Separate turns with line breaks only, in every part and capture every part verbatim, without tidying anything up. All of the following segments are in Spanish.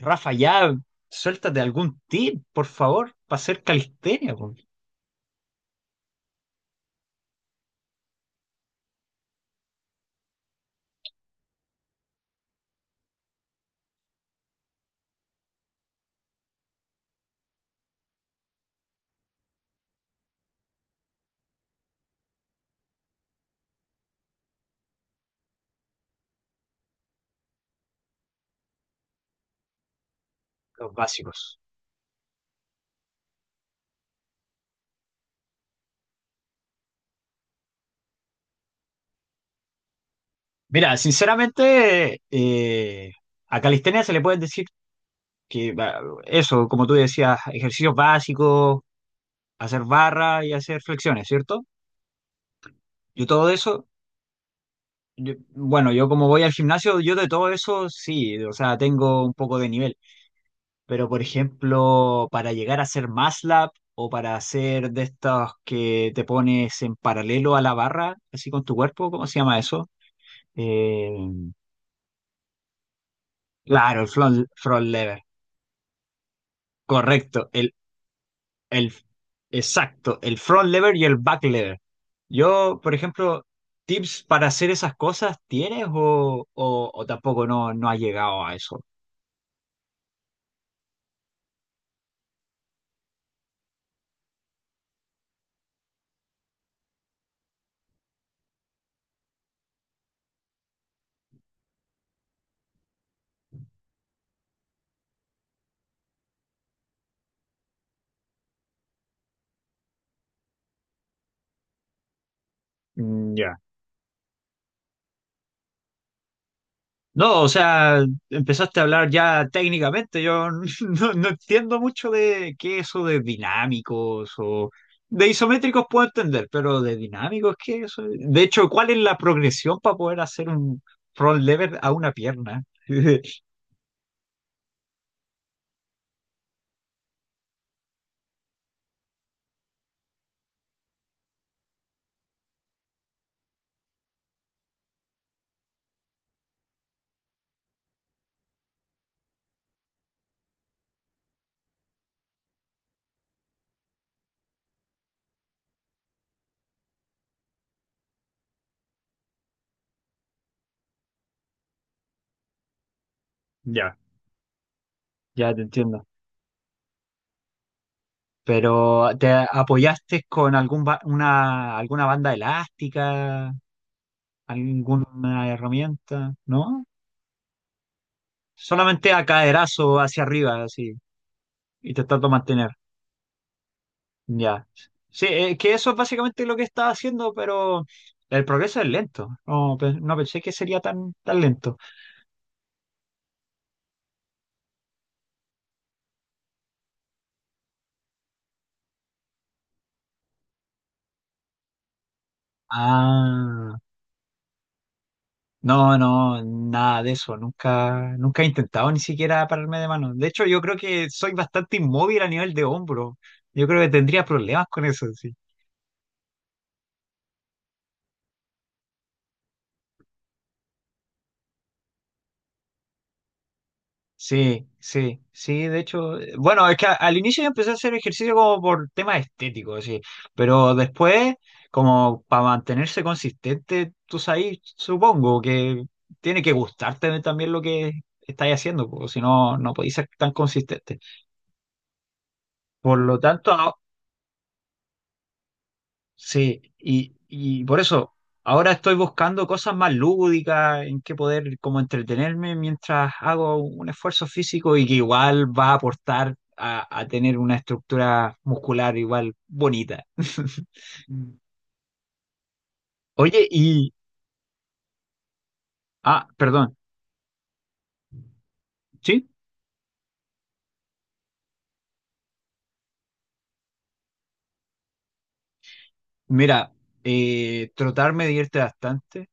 Rafa, ya suéltate algún tip, por favor, para hacer calistenia, po, los básicos. Mira, sinceramente, eh, a calistenia se le puede decir que va, eso, como tú decías, ejercicios básicos, hacer barra y hacer flexiones, ¿cierto? Yo todo eso, yo- bueno, yo como voy al gimnasio, yo de todo eso sí, o sea, tengo un poco de nivel. Pero, por ejemplo, para llegar a ser MATLAB o para hacer de estos que te pones en paralelo a la barra, así con tu cuerpo, ¿cómo se llama eso? Eh, claro, el front, front lever. Correcto, el, el, exacto, el front lever y el back lever. Yo, por ejemplo, ¿tips para hacer esas cosas tienes o, o, o tampoco no, no has llegado a eso? Mm, ya. No, o sea, empezaste a hablar ya técnicamente. Yo no, no entiendo mucho de qué eso de dinámicos o de isométricos puedo entender, pero de dinámicos, ¿qué es eso? De hecho, ¿cuál es la progresión para poder hacer un front lever a una pierna? Ya, ya te entiendo. Pero ¿te apoyaste con algún ba- una, alguna banda elástica, alguna herramienta? ¿No? Solamente a caderazo hacia arriba, así, y te trato de mantener. Ya. Sí, eh, que eso es básicamente lo que estaba haciendo, pero el progreso es lento. No, pe- no pensé que sería tan, tan lento. Ah, no, no, nada de eso. Nunca, nunca he intentado ni siquiera pararme de mano. De hecho, yo creo que soy bastante inmóvil a nivel de hombro. Yo creo que tendría problemas con eso, sí. Sí, sí, sí, de hecho, eh, bueno, es que a- al inicio yo empecé a hacer ejercicio como por temas estéticos, sí, pero después, como para mantenerse consistente, tú sabes, supongo que tiene que gustarte también lo que estás haciendo, porque si no, no podéis ser tan consistente. Por lo tanto. a- Sí, y, y por eso ahora estoy buscando cosas más lúdicas en que poder como entretenerme mientras hago un esfuerzo físico y que igual va a aportar a, a tener una estructura muscular igual bonita. Oye, y... Ah, perdón. Sí, mira, eh, trotar me divierte bastante.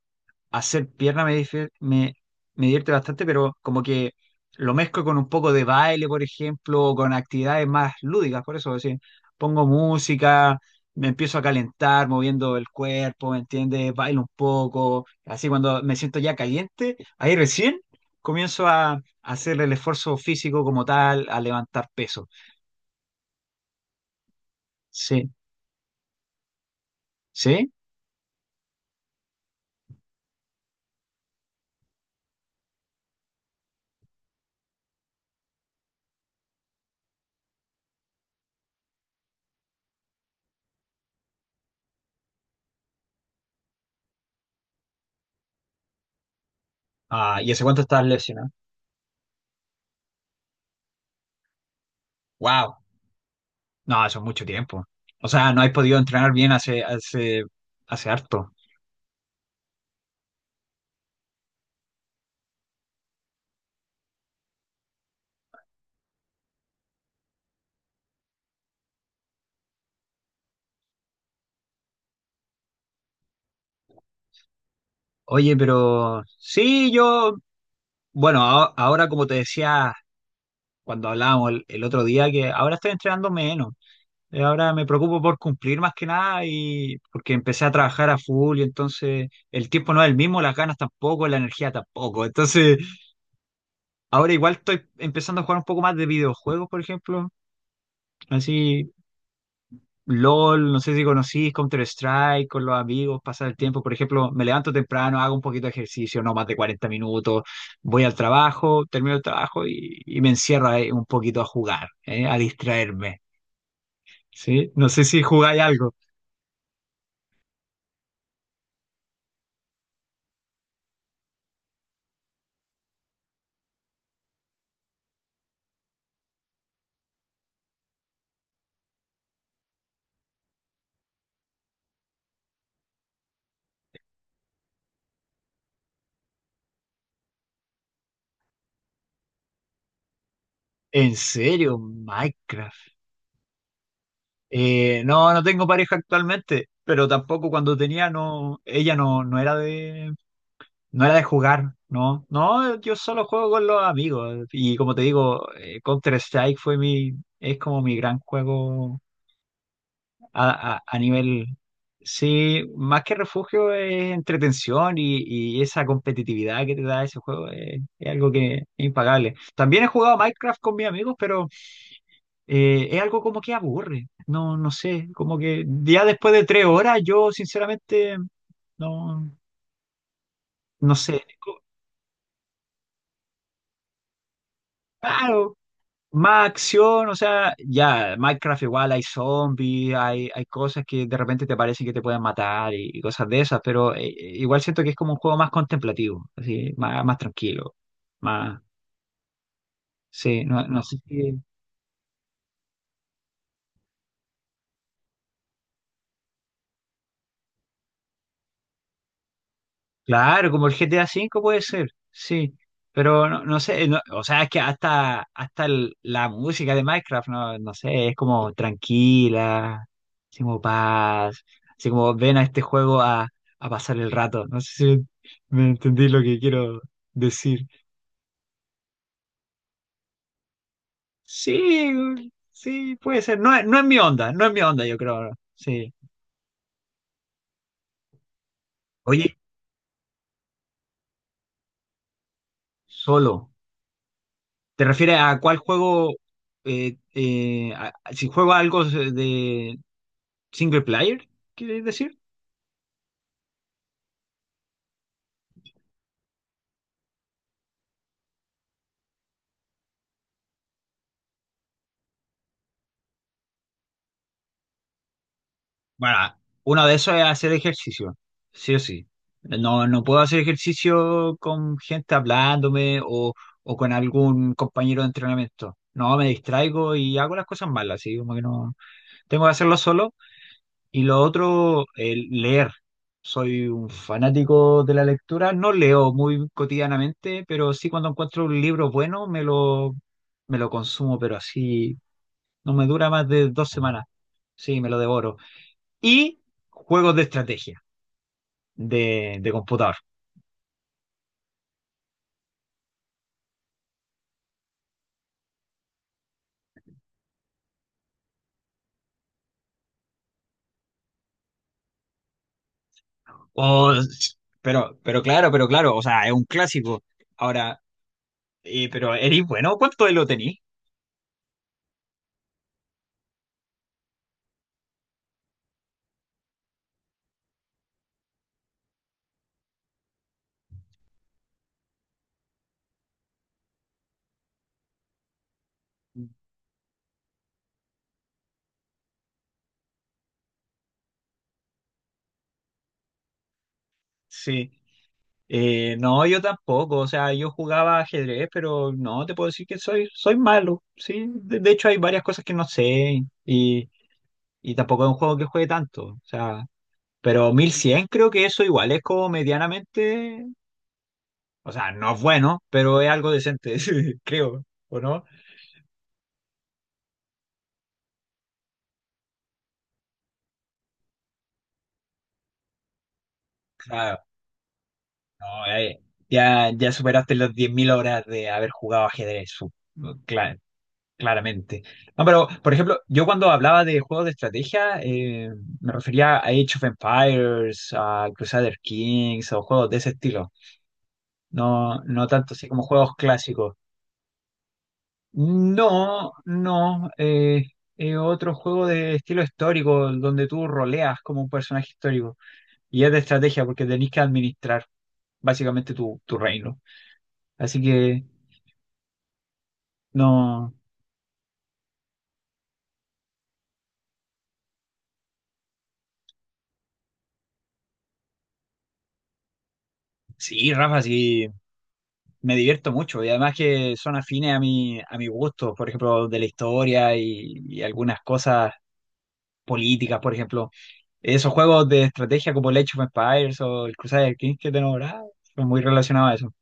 Hacer pierna me, difi- me, me divierte bastante, pero como que lo mezclo con un poco de baile, por ejemplo, o con actividades más lúdicas, por eso, es decir, pongo música, me empiezo a calentar moviendo el cuerpo, ¿me entiendes? Bailo un poco, así cuando me siento ya caliente, ahí recién comienzo a hacer el esfuerzo físico como tal, a levantar peso. Sí, sí. Ah, ¿y hace cuánto estás lesionado? Wow. No, eso es mucho tiempo. O sea, no has podido entrenar bien hace, hace, hace harto. Oye, pero sí, yo, bueno, a- ahora como te decía cuando hablábamos el, el otro día, que ahora estoy entrenando menos. Eh, Ahora me preocupo por cumplir más que nada y porque empecé a trabajar a full y entonces el tiempo no es el mismo, las ganas tampoco, la energía tampoco. Entonces, ahora igual estoy empezando a jugar un poco más de videojuegos, por ejemplo. Así LOL, no sé si conocís Counter-Strike con los amigos, pasar el tiempo. Por ejemplo, me levanto temprano, hago un poquito de ejercicio, no más de cuarenta minutos, voy al trabajo, termino el trabajo y, y me encierro ahí un poquito a jugar, ¿eh? A distraerme. ¿Sí? No sé si jugáis algo. ¿En serio? Minecraft. Eh, no, no tengo pareja actualmente, pero tampoco cuando tenía, no, ella no, no era de, no era de jugar, no. No, yo solo juego con los amigos. Y como te digo, eh, Counter-Strike fue mi, es como mi gran juego a, a- a nivel, sí, más que refugio es entretención y, y esa competitividad que te da ese juego es, es algo que es impagable. También he jugado Minecraft con mis amigos, pero eh, es algo como que aburre. No, no sé, como que ya después de tres horas yo sinceramente no, no sé. Claro, más acción, o sea, ya, Minecraft igual hay zombies, hay, hay cosas que de repente te parecen que te pueden matar y, y cosas de esas, pero eh, eh, igual siento que es como un juego más contemplativo, así, más, más tranquilo, más, sí, no, no sé si- Claro, como el G T A cinco puede ser, sí. Pero no, no sé, no- o sea, es que hasta, hasta, el- la música de Minecraft, no, no sé, es como tranquila, así como paz, así como ven a este juego a, a pasar el rato. No sé si me entendí lo que quiero decir. Sí, sí, puede ser. No, es- no es mi onda, no es mi onda, yo creo. Sí. Oye, solo. ¿Te refieres a cuál juego? Eh, eh, a- si juego algo de, ¿single player? ¿Quieres decir? Bueno, uno de esos es hacer ejercicio, sí o sí. No, no puedo hacer ejercicio con gente hablándome o, o con algún compañero de entrenamiento. No, me distraigo y hago las cosas malas, así como que no. Tengo que hacerlo solo. Y lo otro, el leer. Soy un fanático de la lectura. No leo muy cotidianamente, pero sí cuando encuentro un libro bueno me lo, me lo consumo, pero así no me dura más de dos semanas. Sí, me lo devoro. Y juegos de estrategia de, de computador. O- pero, pero claro, pero claro, o sea, es un clásico. Ahora, eh, pero eres bueno, ¿cuánto de lo tenís? Sí. Eh, no, yo tampoco. O sea, yo jugaba ajedrez, pero no te puedo decir que soy, soy malo. Sí, de, de hecho hay varias cosas que no sé y, y tampoco es un juego que juegue tanto. O sea, pero mil cien creo que eso igual es como medianamente, o sea, no es bueno, pero es algo decente, creo, ¿o no? Claro, no, eh, ya, ya superaste las diez mil horas de haber jugado ajedrez, su- cla- claramente. No, pero, por ejemplo, yo cuando hablaba de juegos de estrategia, eh, me refería a Age of Empires, a Crusader Kings, o juegos de ese estilo. No, no tanto así como juegos clásicos. No, no, eh, eh, otro juego de estilo histórico, donde tú roleas como un personaje histórico. Y es de estrategia porque tenés que administrar básicamente tu, tu reino. Así que, no. Sí, Rafa, sí, me divierto mucho. Y además que son afines a mi, a mi gusto, por ejemplo, de la historia y, y algunas cosas políticas, por ejemplo. Esos juegos de estrategia como el Age of Empires o el Crusader Kings que te nombraba, son muy relacionados a eso.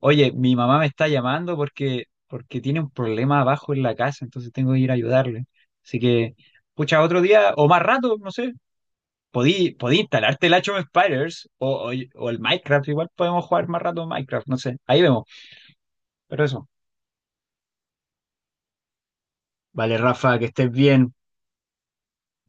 Oye, mi mamá me está llamando porque, porque tiene un problema abajo en la casa, entonces tengo que ir a ayudarle. Así que, pucha, otro día o más rato, no sé. podí, podí instalarte el Age of Spiders o, o, o el Minecraft, igual podemos jugar más rato Minecraft, no sé, ahí vemos, pero eso. Vale, Rafa, que estés bien.